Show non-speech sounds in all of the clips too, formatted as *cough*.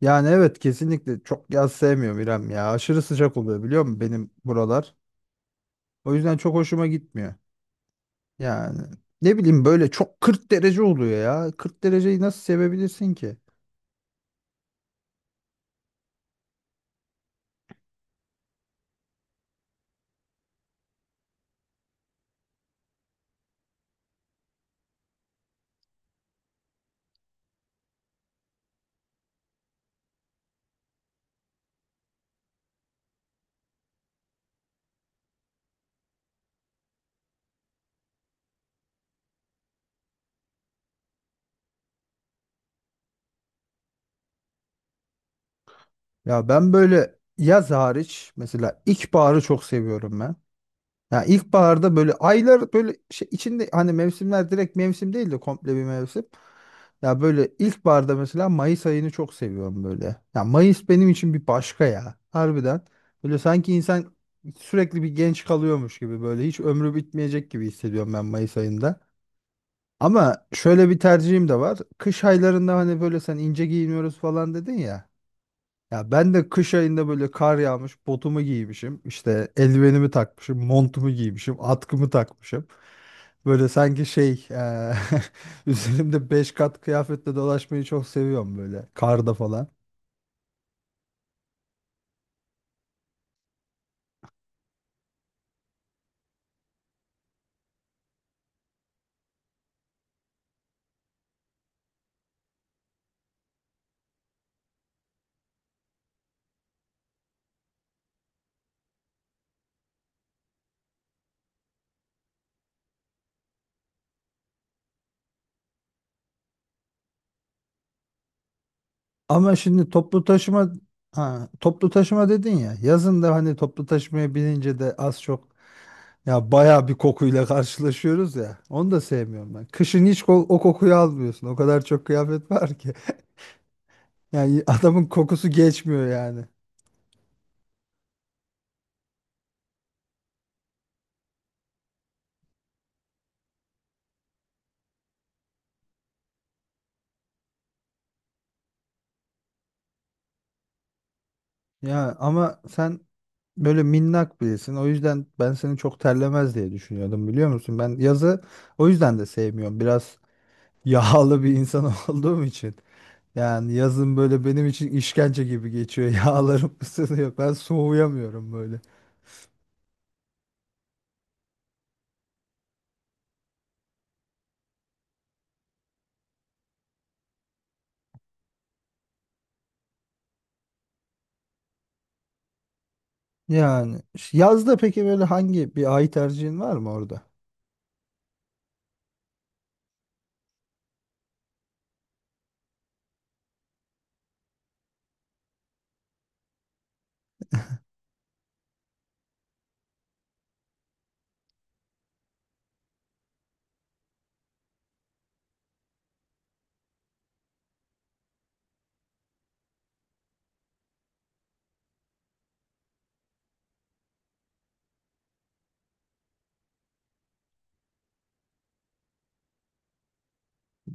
Yani evet kesinlikle çok yaz sevmiyorum İrem ya. Aşırı sıcak oluyor biliyor musun benim buralar. O yüzden çok hoşuma gitmiyor. Yani ne bileyim böyle çok 40 derece oluyor ya. 40 dereceyi nasıl sevebilirsin ki? Ya ben böyle yaz hariç mesela ilkbaharı çok seviyorum ben. Ya ilkbaharda böyle aylar böyle şey içinde hani mevsimler direkt mevsim değil de komple bir mevsim. Ya böyle ilkbaharda mesela Mayıs ayını çok seviyorum böyle. Ya Mayıs benim için bir başka ya. Harbiden. Böyle sanki insan sürekli bir genç kalıyormuş gibi böyle hiç ömrü bitmeyecek gibi hissediyorum ben Mayıs ayında. Ama şöyle bir tercihim de var. Kış aylarında hani böyle sen ince giyiniyoruz falan dedin ya. Ya ben de kış ayında böyle kar yağmış, botumu giymişim, işte eldivenimi takmışım, montumu giymişim, atkımı takmışım. Böyle sanki *laughs* üzerimde 5 kat kıyafetle dolaşmayı çok seviyorum böyle karda falan. Ama şimdi toplu taşıma, ha, toplu taşıma dedin ya, yazın da hani toplu taşımaya binince de az çok ya bayağı bir kokuyla *laughs* karşılaşıyoruz ya. Onu da sevmiyorum ben. Kışın hiç o kokuyu almıyorsun. O kadar çok kıyafet var ki. Yani *laughs* adamın kokusu geçmiyor yani. Ya ama sen böyle minnak birisin. O yüzden ben seni çok terlemez diye düşünüyordum biliyor musun? Ben yazı o yüzden de sevmiyorum. Biraz *laughs* yağlı bir insan *laughs* olduğum için. Yani yazın böyle benim için işkence gibi geçiyor. *laughs* Yağlarım ısınıyor. Ben soğuyamıyorum böyle. Yazda peki böyle hangi bir ay tercihin var mı orada?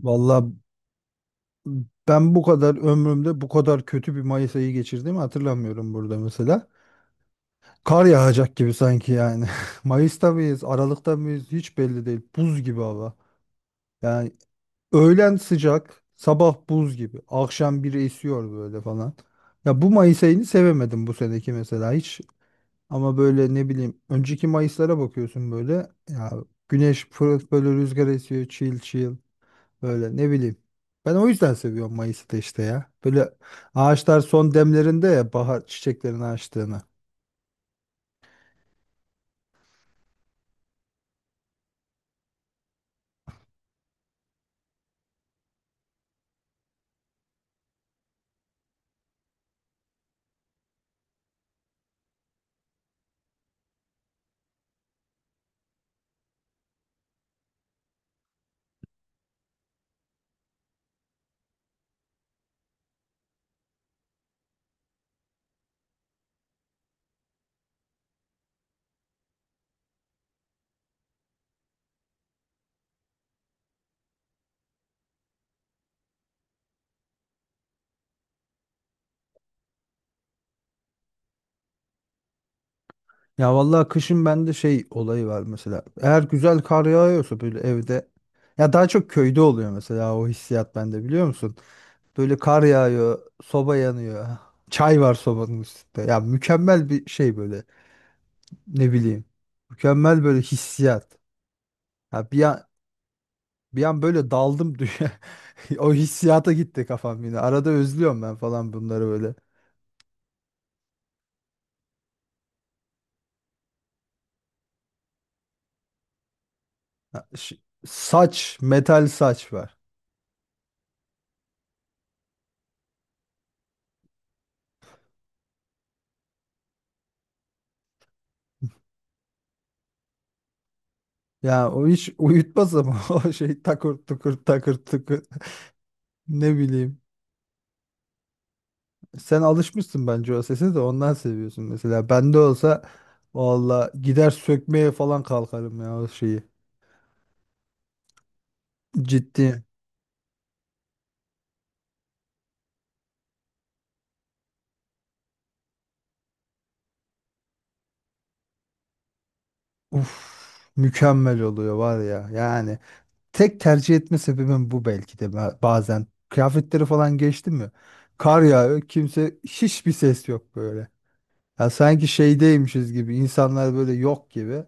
Vallahi ben bu kadar ömrümde bu kadar kötü bir Mayıs ayı geçirdiğimi hatırlamıyorum burada mesela. Kar yağacak gibi sanki yani. *laughs* Mayıs'ta mıyız, Aralık'ta mıyız hiç belli değil. Buz gibi hava. Yani öğlen sıcak, sabah buz gibi. Akşam biri esiyor böyle falan. Ya bu Mayıs ayını sevemedim bu seneki mesela hiç. Ama böyle ne bileyim önceki Mayıs'lara bakıyorsun böyle. Ya güneş fırıf böyle rüzgar esiyor chill chill böyle ne bileyim. Ben o yüzden seviyorum Mayıs'ı da işte ya. Böyle ağaçlar son demlerinde ya bahar çiçeklerini açtığını. Ya vallahi kışın bende şey olayı var mesela. Eğer güzel kar yağıyorsa böyle evde ya daha çok köyde oluyor mesela o hissiyat bende biliyor musun? Böyle kar yağıyor, soba yanıyor. *laughs* Çay var sobanın üstünde. Ya mükemmel bir şey böyle. Ne bileyim. Mükemmel böyle hissiyat. Ya bir an, bir an böyle daldım dünya. *laughs* O hissiyata gitti kafam yine. Arada özlüyorum ben falan bunları böyle. Ya ş- Saç, metal saç var. Ya o iş uyutmaz ama *laughs* o şey takır tukur takır tukur ne bileyim. Sen alışmışsın bence o sese de ondan seviyorsun mesela. Bende olsa valla gider sökmeye falan kalkarım ya o şeyi. Ciddi. Uf, mükemmel oluyor var ya yani. Tek tercih etme sebebim bu belki de bazen. Kıyafetleri falan geçti mi? Kar yağıyor kimse hiçbir ses yok böyle. Ya sanki şeydeymişiz gibi insanlar böyle yok gibi.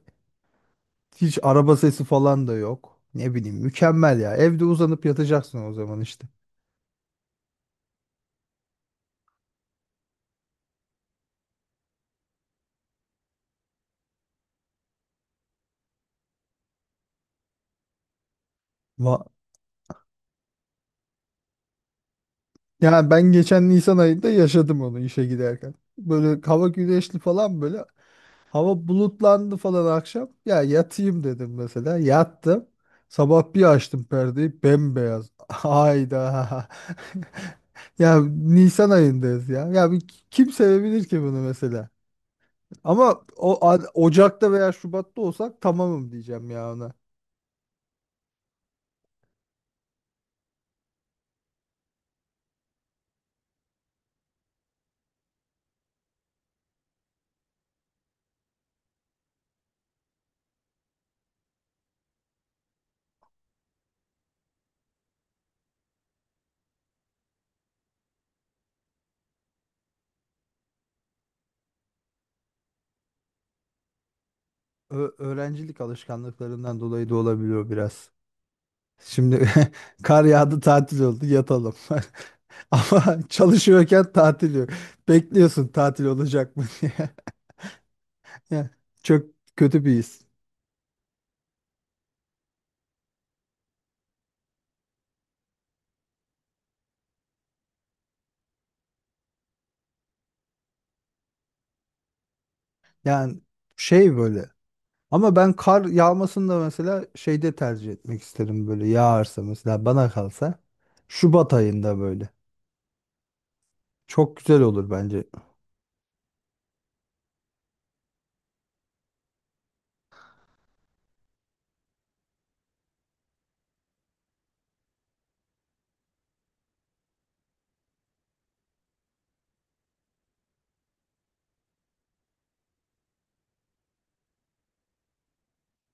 Hiç araba sesi falan da yok. Ne bileyim mükemmel ya. Evde uzanıp yatacaksın o zaman işte. Va Yani ben geçen Nisan ayında yaşadım onu işe giderken. Böyle hava güneşli falan böyle. Hava bulutlandı falan akşam. Ya yatayım dedim mesela. Yattım. Sabah bir açtım perdeyi bembeyaz. *laughs* Hayda. *laughs* Ya Nisan ayındayız ya. Ya bir kim sevebilir ki bunu mesela? Ama Ocak'ta veya Şubat'ta olsak tamamım diyeceğim ya ona. Öğrencilik alışkanlıklarından dolayı da olabiliyor biraz. Şimdi *laughs* kar yağdı tatil oldu yatalım. *laughs* Ama çalışıyorken tatil yok. Bekliyorsun tatil olacak mı diye. *laughs* Yani çok kötü bir his. Yani şey böyle. Ama ben kar yağmasını da mesela şeyde tercih etmek isterim böyle yağarsa mesela bana kalsa. Şubat ayında böyle. Çok güzel olur bence.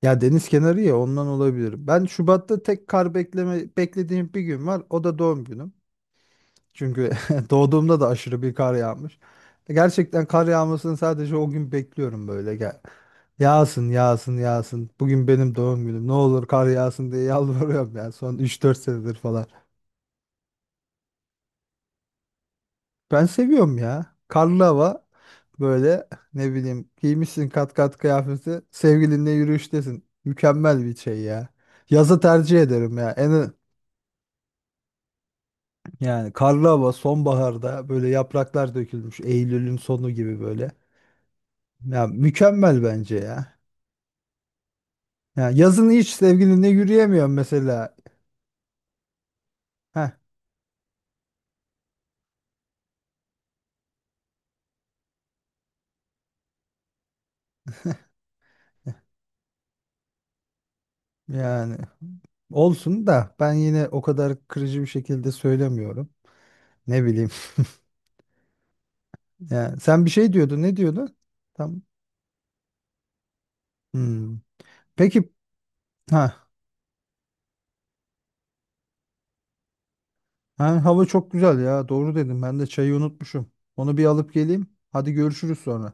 Ya deniz kenarı ya ondan olabilir. Ben Şubat'ta tek kar bekleme beklediğim bir gün var. O da doğum günüm. Çünkü *laughs* doğduğumda da aşırı bir kar yağmış. Gerçekten kar yağmasını sadece o gün bekliyorum böyle. Gel. Yağsın, yağsın, yağsın. Bugün benim doğum günüm. Ne olur kar yağsın diye yalvarıyorum ya son 3-4 senedir falan. Ben seviyorum ya. Karlı hava böyle ne bileyim giymişsin kat kat kıyafeti sevgilinle yürüyüştesin. Mükemmel bir şey ya. Yazı tercih ederim ya. En yani karlı hava sonbaharda böyle yapraklar dökülmüş Eylül'ün sonu gibi böyle. Ya mükemmel bence ya. Ya yazın hiç sevgilinle yürüyemiyorum mesela. Heh, yani olsun da ben yine o kadar kırıcı bir şekilde söylemiyorum. Ne bileyim. *laughs* Yani sen bir şey diyordun. Ne diyordun? Tam. Hmm. Peki ha, ha hava çok güzel ya. Doğru dedim. Ben de çayı unutmuşum. Onu bir alıp geleyim. Hadi görüşürüz sonra.